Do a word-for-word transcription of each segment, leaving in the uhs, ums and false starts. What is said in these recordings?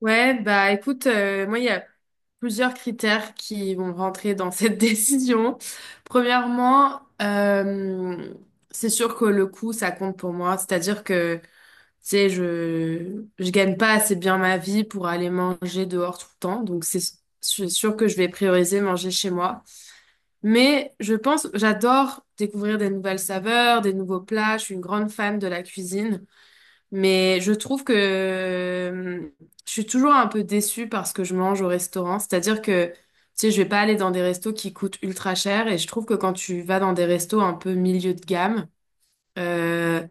Ouais, bah écoute, euh, moi il y a plusieurs critères qui vont rentrer dans cette décision. Premièrement, euh, c'est sûr que le coût, ça compte pour moi. C'est-à-dire que, tu sais, je je gagne pas assez bien ma vie pour aller manger dehors tout le temps. Donc c'est c'est sûr que je vais prioriser manger chez moi. Mais je pense, j'adore découvrir des nouvelles saveurs, des nouveaux plats. Je suis une grande fan de la cuisine. Mais je trouve que euh, je suis toujours un peu déçue parce que je mange au restaurant. C'est-à-dire que, tu sais, je vais pas aller dans des restos qui coûtent ultra cher. Et je trouve que quand tu vas dans des restos un peu milieu de gamme, euh,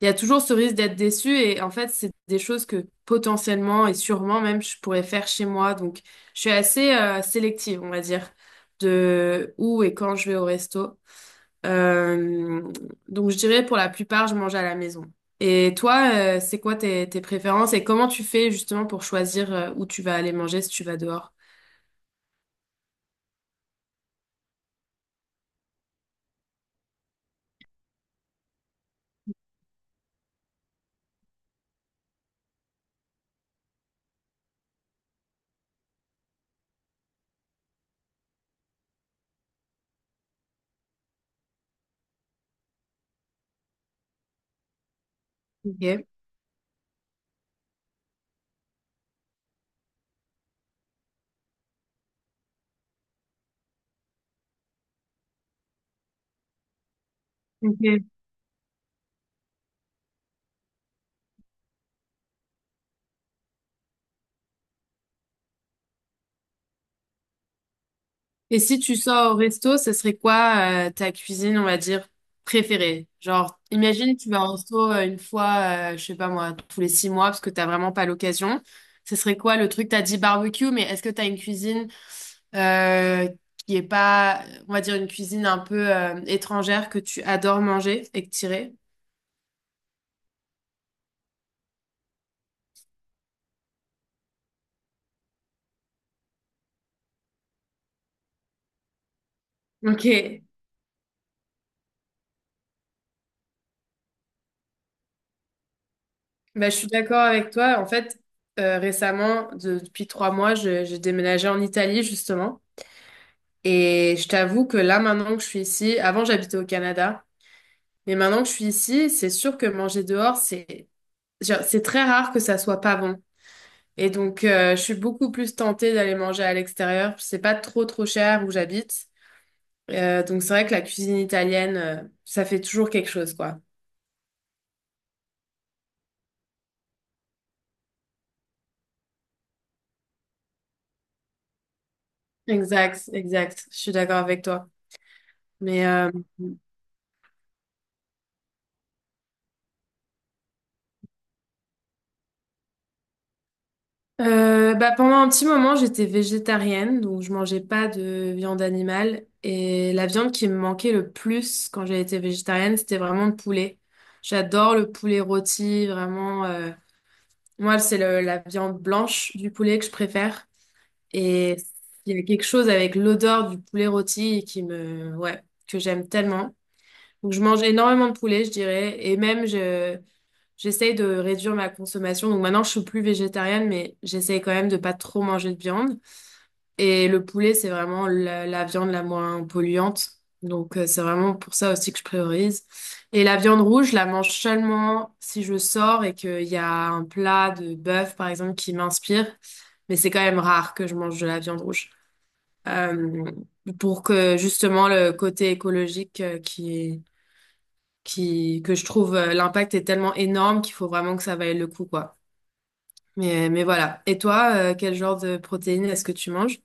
il y a toujours ce risque d'être déçu. Et en fait, c'est des choses que potentiellement et sûrement même je pourrais faire chez moi. Donc, je suis assez euh, sélective, on va dire, de où et quand je vais au resto. Euh, donc je dirais pour la plupart, je mange à la maison. Et toi, euh, c'est quoi tes, tes préférences et comment tu fais justement pour choisir euh, où tu vas aller manger si tu vas dehors? Ok. Ok. Et si tu sors au resto, ce serait quoi euh, ta cuisine, on va dire, préférée? Genre, imagine tu vas au resto euh, une fois, euh, je sais pas moi, tous les six mois parce que t'as vraiment pas l'occasion. Ce serait quoi le truc? T'as dit barbecue, mais est-ce que t'as une cuisine euh, qui est pas, on va dire, une cuisine un peu euh, étrangère que tu adores manger et que tirer. Ok, bah, je suis d'accord avec toi. En fait, euh, récemment, de- depuis trois mois, je- j'ai déménagé en Italie, justement. Et je t'avoue que là, maintenant que je suis ici, avant j'habitais au Canada, mais maintenant que je suis ici, c'est sûr que manger dehors, c'est genre, c'est très rare que ça soit pas bon. Et donc, euh, je suis beaucoup plus tentée d'aller manger à l'extérieur. C'est pas trop trop cher où j'habite. Euh, donc c'est vrai que la cuisine italienne, euh, ça fait toujours quelque chose, quoi. Exact, exact. Je suis d'accord avec toi. Mais euh, euh, bah, pendant un petit moment, j'étais végétarienne, donc je mangeais pas de viande animale. Et la viande qui me manquait le plus quand j'ai été végétarienne, c'était vraiment le poulet. J'adore le poulet rôti, vraiment. euh, Moi, c'est le- la viande blanche du poulet que je préfère. Et il y a quelque chose avec l'odeur du poulet rôti qui me, ouais, que j'aime tellement. Donc, je mange énormément de poulet, je dirais. Et même, je, j'essaye de réduire ma consommation. Donc, maintenant, je suis plus végétarienne, mais j'essaye quand même de pas trop manger de viande. Et le poulet, c'est vraiment la, la viande la moins polluante. Donc, euh, c'est vraiment pour ça aussi que je priorise. Et la viande rouge, je la mange seulement si je sors et qu'il y a un plat de bœuf, par exemple, qui m'inspire. Mais c'est quand même rare que je mange de la viande rouge. Euh, pour que justement le côté écologique euh, qui qui, que je trouve euh, l'impact est tellement énorme qu'il faut vraiment que ça vaille le coup, quoi. Mais, mais voilà. Et toi, euh, quel genre de protéines est-ce que tu manges?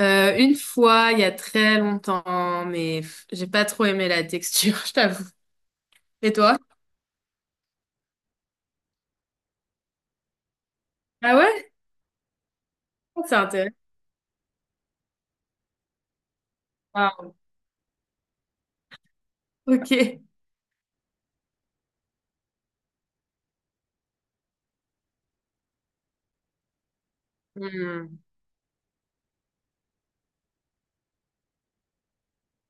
Euh, une fois, il y a très longtemps, mais pff, j'ai pas trop aimé la texture, je t'avoue. Et toi? Ah ouais? C'est intéressant. Ah, ok. Hmm.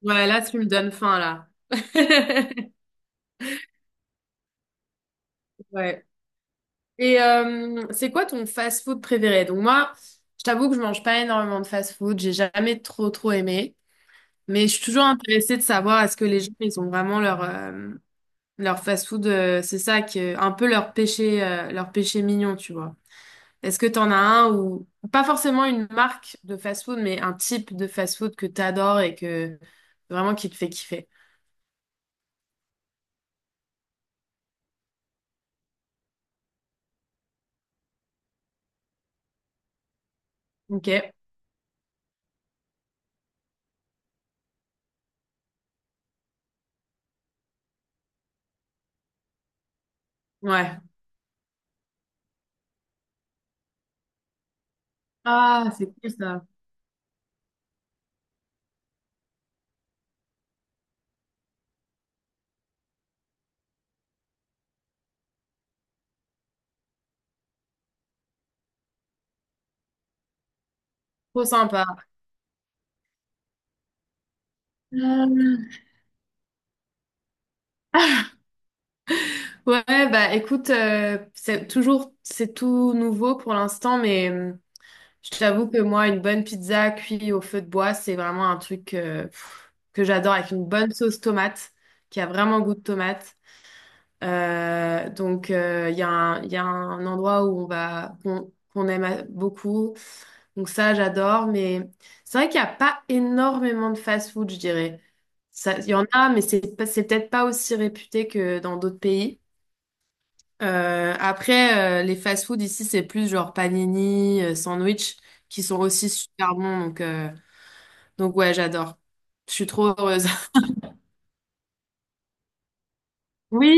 Ouais, là, tu me donnes faim, là. Ouais. Et euh, c'est quoi ton fast-food préféré? Donc moi, je t'avoue que je mange pas énormément de fast-food, j'ai jamais trop trop aimé. Mais je suis toujours intéressée de savoir est-ce que les gens, ils ont vraiment leur, euh, leur fast-food, euh, c'est ça, que, un peu leur péché, euh, leur péché mignon, tu vois. Est-ce que t'en as un ou pas forcément une marque de fast-food, mais un type de fast-food que t'adores et que vraiment qui te fait kiffer? Ok, ouais. Ah, c'est cool ça. Trop sympa. Euh, Ouais, bah écoute, euh, c'est toujours, c'est tout nouveau pour l'instant, mais. euh, Je t'avoue que moi, une bonne pizza cuite au feu de bois, c'est vraiment un truc euh, pff, que j'adore avec une bonne sauce tomate, qui a vraiment goût de tomate. Euh, donc, euh, il y a un, il y a un endroit où on va, qu'on qu'on aime à- beaucoup. Donc ça, j'adore. Mais c'est vrai qu'il n'y a pas énormément de fast-food, je dirais. Ça, il y en a, mais c'est pas- c'est peut-être pas aussi réputé que dans d'autres pays. Euh, après, euh, les fast-food ici, c'est plus genre panini, euh, sandwich, qui sont aussi super bons. Donc, euh, donc ouais, j'adore. Je suis trop heureuse. Oui,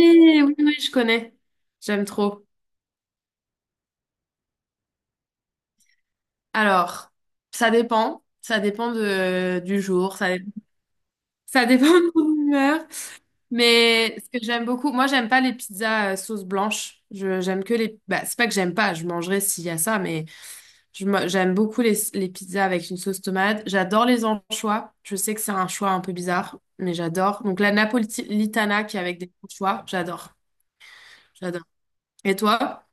oui, oui, je connais. J'aime trop. Alors, ça dépend. Ça dépend de, du jour. Ça, dé- ça dépend de mon humeur. Mais ce que j'aime beaucoup, moi j'aime pas les pizzas euh, sauce blanche. Je j'aime que les. Bah, c'est pas que j'aime pas, je mangerai s'il y a ça, mais je me- j'aime beaucoup les, les pizzas avec une sauce tomate. J'adore les anchois. Je sais que c'est un choix un peu bizarre, mais j'adore. Donc la napolitana qui est avec des anchois, j'adore, j'adore. Et toi?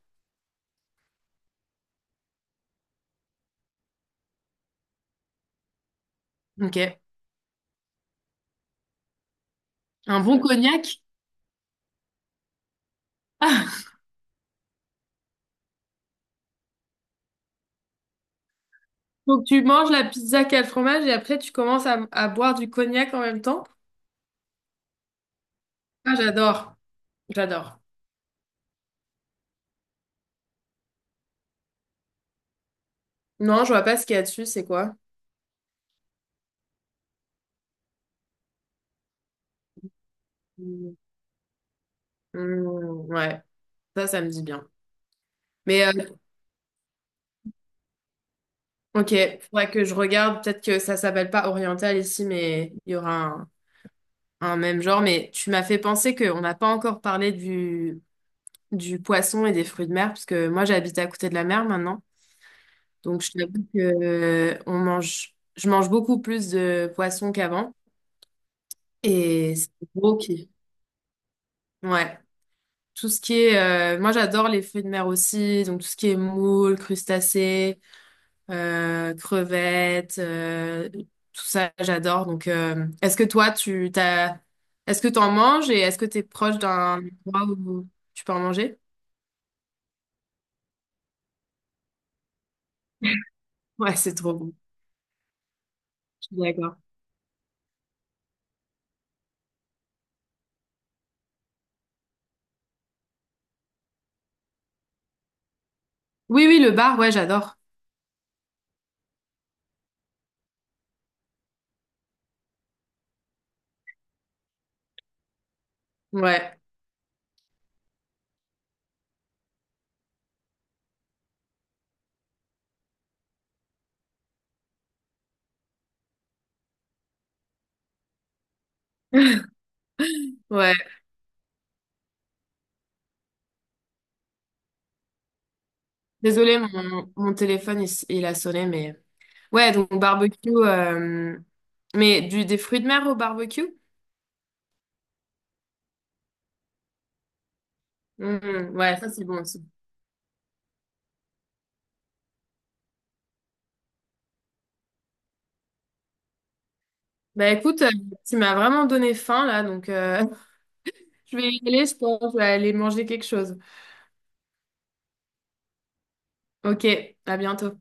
Ok. Un bon cognac? Donc tu manges la pizza qu'à le fromage et après tu commences à, à boire du cognac en même temps? Ah j'adore, j'adore. Non, je vois pas ce qu'il y a dessus, c'est quoi? Hmm, ouais, ça, ça me dit bien. Mais euh, ok, faudrait que je regarde. Peut-être que ça s'appelle pas oriental ici, mais il y aura un, un même genre. Mais tu m'as fait penser qu'on n'a pas encore parlé du, du poisson et des fruits de mer, parce que moi, j'habite à côté de la mer maintenant. Donc, je t'avoue que euh, on mange, je mange beaucoup plus de poissons qu'avant. Et c'est gros qui. Ouais. Tout ce qui est. euh, moi, j'adore les fruits de mer aussi. Donc, tout ce qui est moules, crustacés. euh, crevettes, euh, tout ça, j'adore. Donc, euh, est-ce que toi, tu t'as, est-ce que t'en manges et est-ce que t'es proche d'un endroit où tu peux en manger? Ouais, c'est trop bon. Je suis d'accord. Oui, oui, le bar, ouais, j'adore. Ouais, ouais. Désolée, mon, mon téléphone, il, s- il a sonné, mais ouais, donc barbecue, euh, mais du, des fruits de mer au barbecue? Mhm, ouais, ça c'est bon aussi. Bah écoute, euh, tu m'as vraiment donné faim là, donc euh, je vais y aller, je pense, je vais aller manger quelque chose. Ok, à bientôt.